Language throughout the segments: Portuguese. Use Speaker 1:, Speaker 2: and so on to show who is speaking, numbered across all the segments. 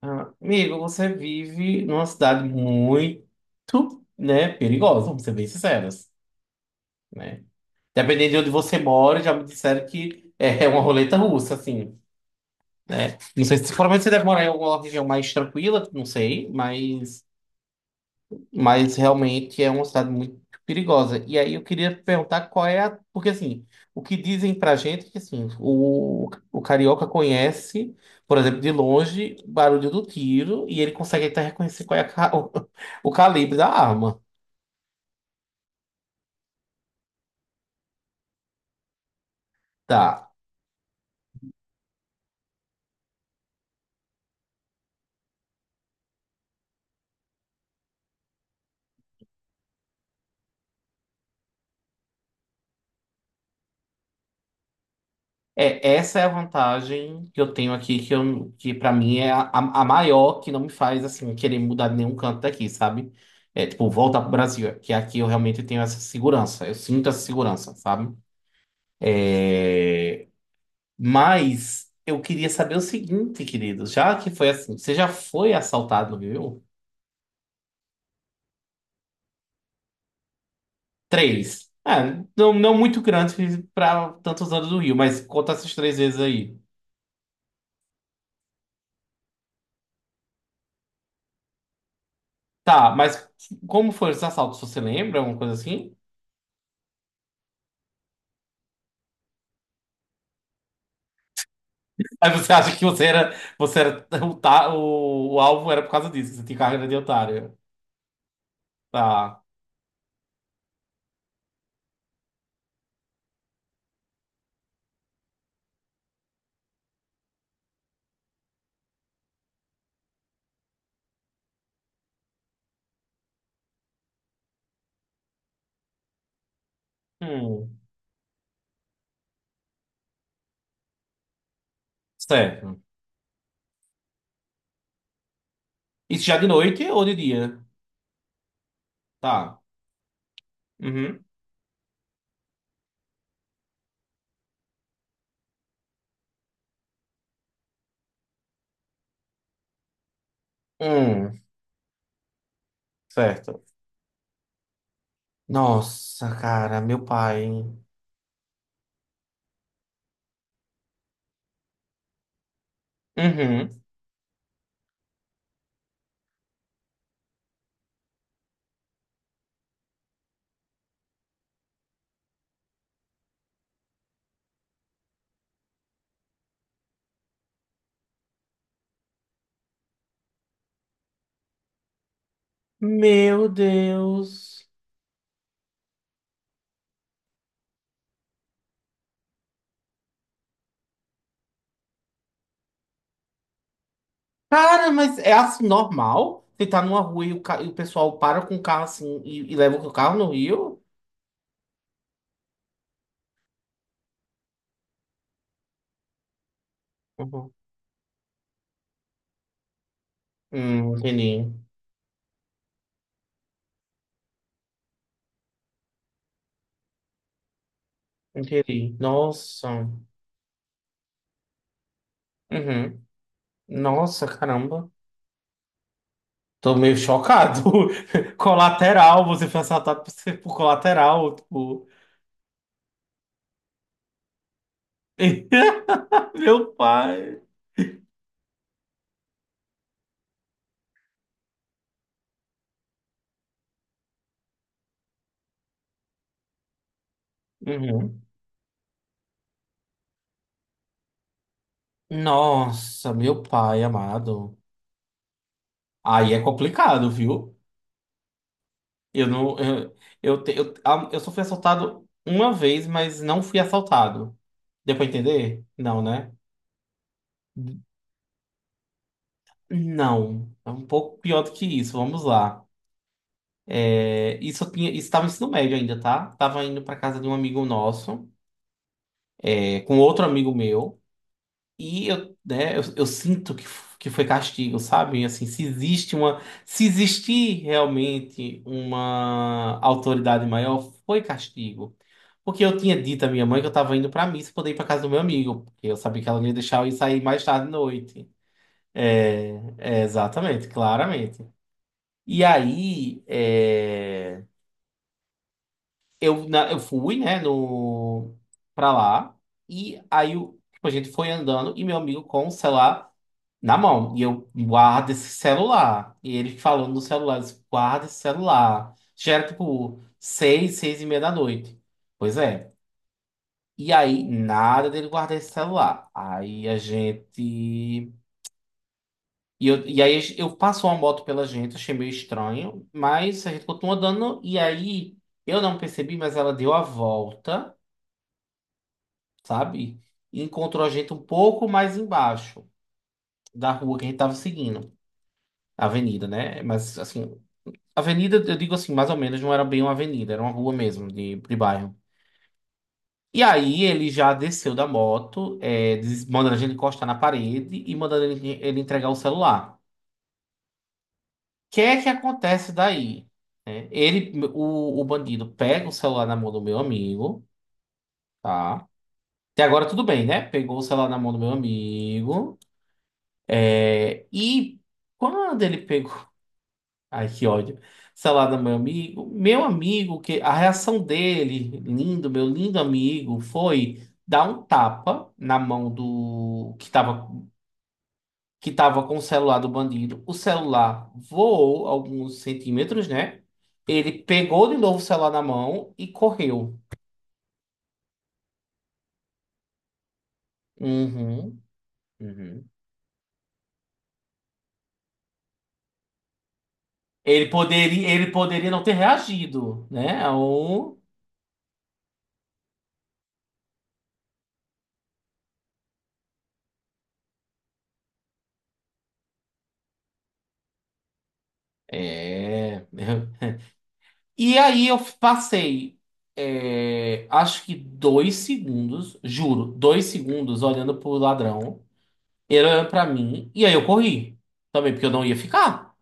Speaker 1: Ah, Amigo, você vive numa cidade muito, né, perigosa, vamos ser bem sinceros, né? Dependendo de onde você mora, já me disseram que é uma roleta russa, assim, né? Não sei se provavelmente você deve morar em alguma região mais tranquila, não sei, mas realmente é uma cidade muito perigosa. E aí eu queria perguntar qual é a. Porque assim, o que dizem pra gente é que assim, o carioca conhece, por exemplo, de longe, o barulho do tiro e ele consegue até reconhecer qual é a calibre da arma. Tá. É, essa é a vantagem que eu tenho aqui, que, eu, que para mim é a maior, que não me faz assim querer mudar de nenhum canto daqui, sabe? É tipo, voltar pro Brasil, é, que aqui eu realmente tenho essa segurança, eu sinto essa segurança, sabe? Mas eu queria saber o seguinte, querido. Já que foi assim, você já foi assaltado no Rio? Três. É, não, não muito grande para tantos anos do Rio, mas conta essas três vezes aí. Tá, mas como foram os assaltos? Você lembra? Alguma coisa assim? Aí você acha que você era o alvo era por causa disso, que você tinha carreira de otário. Tá. Hum, certo. Isso já de noite ou de dia? Tá. Uhum. Hum, certo. Nossa, cara, meu pai. Uhum. Meu Deus. Cara, mas é assim normal? Você tá numa rua e e o pessoal para com o carro assim e leva o carro no rio? Uhum. Entendi. Entendi. Nossa. Uhum. Nossa, caramba. Tô meio chocado. Colateral, você foi assaltado por ser por colateral, tipo. Meu pai. Uhum. Nossa, meu pai amado. Aí é complicado, viu? Eu não. Eu, te- eu, a- eu só fui assaltado uma vez, mas não fui assaltado. Deu pra entender? Não, né? Não. É um pouco pior do que isso. Vamos lá. É, isso eu tinha, isso estava no ensino médio ainda, tá? Tava indo pra casa de um amigo nosso, é, com outro amigo meu. E eu, né, eu sinto que, que foi castigo, sabe? Assim, se existe uma, se existir realmente uma autoridade maior, foi castigo. Porque eu tinha dito à minha mãe que eu estava indo para missa poder ir para casa do meu amigo, porque eu sabia que ela não ia deixar eu ir sair mais tarde à noite. É, exatamente, claramente. E aí, é, eu fui, né, no, pra lá, e aí tipo, a gente foi andando, e meu amigo com o celular na mão. E eu guardo esse celular. E ele falando no celular, eu disse, guarda esse celular. Já era tipo seis, 6:30 da noite. Pois é. E aí, nada dele guardar esse celular. Aí a gente. E, eu, e aí eu passou uma moto pela gente, achei meio estranho, mas a gente continuou andando. E aí eu não percebi, mas ela deu a volta, sabe? E encontrou a gente um pouco mais embaixo da rua que a gente tava seguindo. A Avenida, né? Mas assim, Avenida, eu digo assim, mais ou menos, não era bem uma avenida, era uma rua mesmo, de bairro. E aí ele já desceu da moto, é, mandando a gente encostar na parede e mandando ele entregar o celular. O que é que acontece daí? É, ele, o bandido pega o celular na mão do meu amigo, tá? Até agora tudo bem, né? Pegou o celular na mão do meu amigo. É, e quando ele pegou. Ai, que ódio. Salada, meu amigo. Meu amigo, que a reação dele, lindo, meu lindo amigo, foi dar um tapa na mão do que tava com o celular do bandido. O celular voou alguns centímetros, né? Ele pegou de novo o celular na mão e correu. Uhum, uhum. Ele poderia não ter reagido, né? É. E aí eu passei, é, acho que 2 segundos, juro, 2 segundos olhando pro ladrão, ele olhando pra mim, e aí eu corri também, porque eu não ia ficar.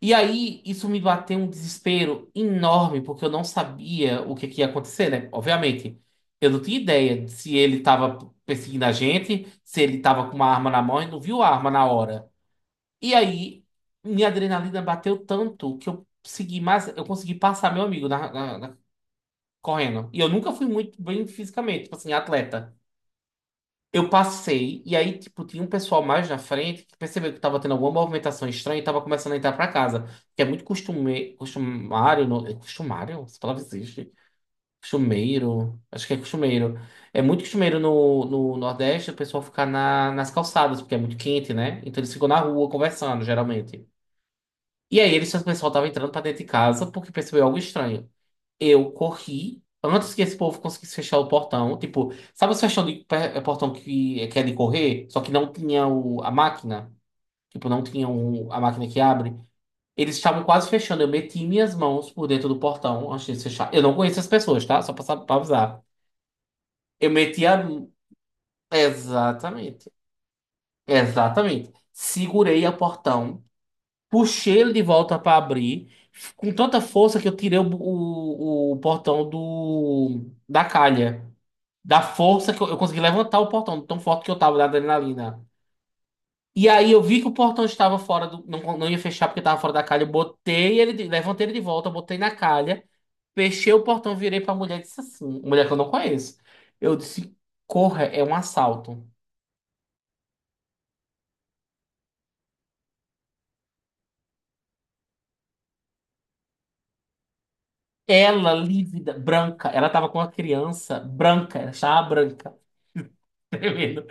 Speaker 1: E aí isso me bateu um desespero enorme, porque eu não sabia que ia acontecer, né? Obviamente, eu não tinha ideia de se ele tava perseguindo a gente, se ele tava com uma arma na mão e não viu a arma na hora. E aí minha adrenalina bateu tanto que eu consegui mais, eu consegui passar meu amigo na correndo. E eu nunca fui muito bem fisicamente, tipo assim, atleta. Eu passei, e aí, tipo, tinha um pessoal mais na frente que percebeu que tava tendo alguma movimentação estranha e tava começando a entrar pra casa. Que é muito costume... costumário. No... é Costumário? Essa palavra existe? Costumeiro. Acho que é costumeiro. É muito costumeiro no Nordeste o pessoal ficar na... nas calçadas, porque é muito quente, né? Então eles ficam na rua conversando, geralmente. E aí, eles, o pessoal tava entrando pra dentro de casa porque percebeu algo estranho. Eu corri antes que esse povo conseguisse fechar o portão. Tipo, sabe o é portão que, é de correr? Só que não tinha a máquina. Tipo, não tinha a máquina que abre. Eles estavam quase fechando. Eu meti minhas mãos por dentro do portão antes de fechar. Eu não conheço as pessoas, tá? Só pra, pra avisar. Eu meti a. Exatamente. Exatamente. Segurei o portão, puxei ele de volta pra abrir, com tanta força que eu tirei o portão da calha. Da força que eu consegui levantar o portão, tão forte que eu tava da adrenalina. E aí eu vi que o portão estava fora do. Não, não ia fechar porque estava fora da calha. Eu botei ele, levantei ele de volta, botei na calha, fechei o portão, virei pra mulher e disse assim: mulher que eu não conheço. Eu disse: corra, é um assalto. Ela, lívida, branca, ela tava com uma criança branca, ela estava branca, tremendo.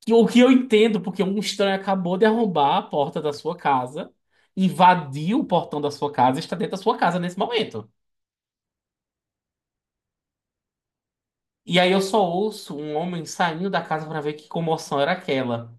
Speaker 1: O que eu entendo, porque um estranho acabou de arrombar a porta da sua casa, invadiu o portão da sua casa e está dentro da sua casa nesse momento. E aí eu só ouço um homem saindo da casa pra ver que comoção era aquela,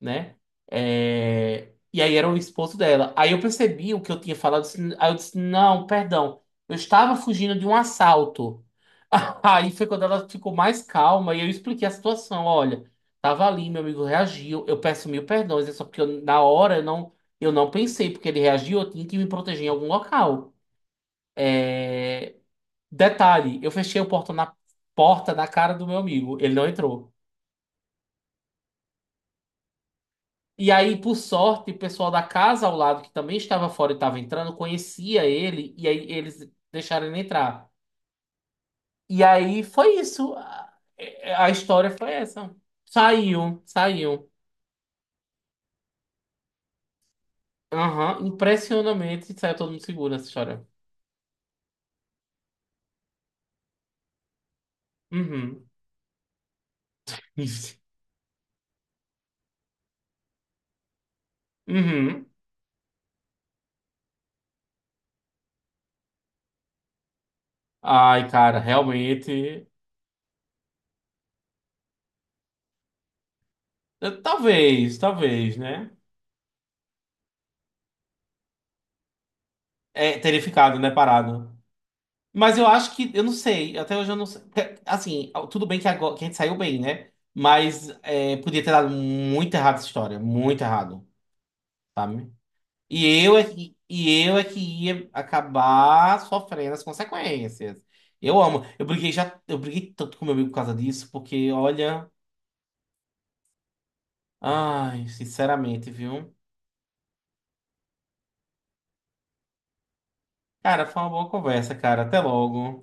Speaker 1: né? É, e aí era o esposo dela. Aí eu percebi o que eu tinha falado, assim, aí eu disse, não, perdão, eu estava fugindo de um assalto. Aí foi quando ela ficou mais calma e eu expliquei a situação. Olha, tava ali, meu amigo reagiu, eu peço mil perdões, é só porque na hora eu não pensei, porque ele reagiu, eu tinha que me proteger em algum local. Detalhe, eu fechei a porta na cara do meu amigo, ele não entrou. E aí, por sorte, o pessoal da casa ao lado, que também estava fora e estava entrando, conhecia ele, e aí eles deixaram ele entrar. E aí foi isso. A história foi essa. Saiu, saiu. Aham, impressionantemente saiu todo mundo seguro nessa história. Uhum. Isso. Uhum. Ai, cara, realmente. Talvez, talvez, né? É, teria ficado, né, parado. Mas eu acho que, eu não sei, até hoje eu não sei. Assim, tudo bem que, agora, que a gente saiu bem, né? Mas é, podia ter dado muito errado essa história, muito errado, sabe? E eu é que, e eu é que ia acabar sofrendo as consequências. Eu amo. Eu briguei já, eu briguei tanto com meu amigo por causa disso, porque olha, ai, sinceramente, viu? Cara, foi uma boa conversa, cara. Até logo.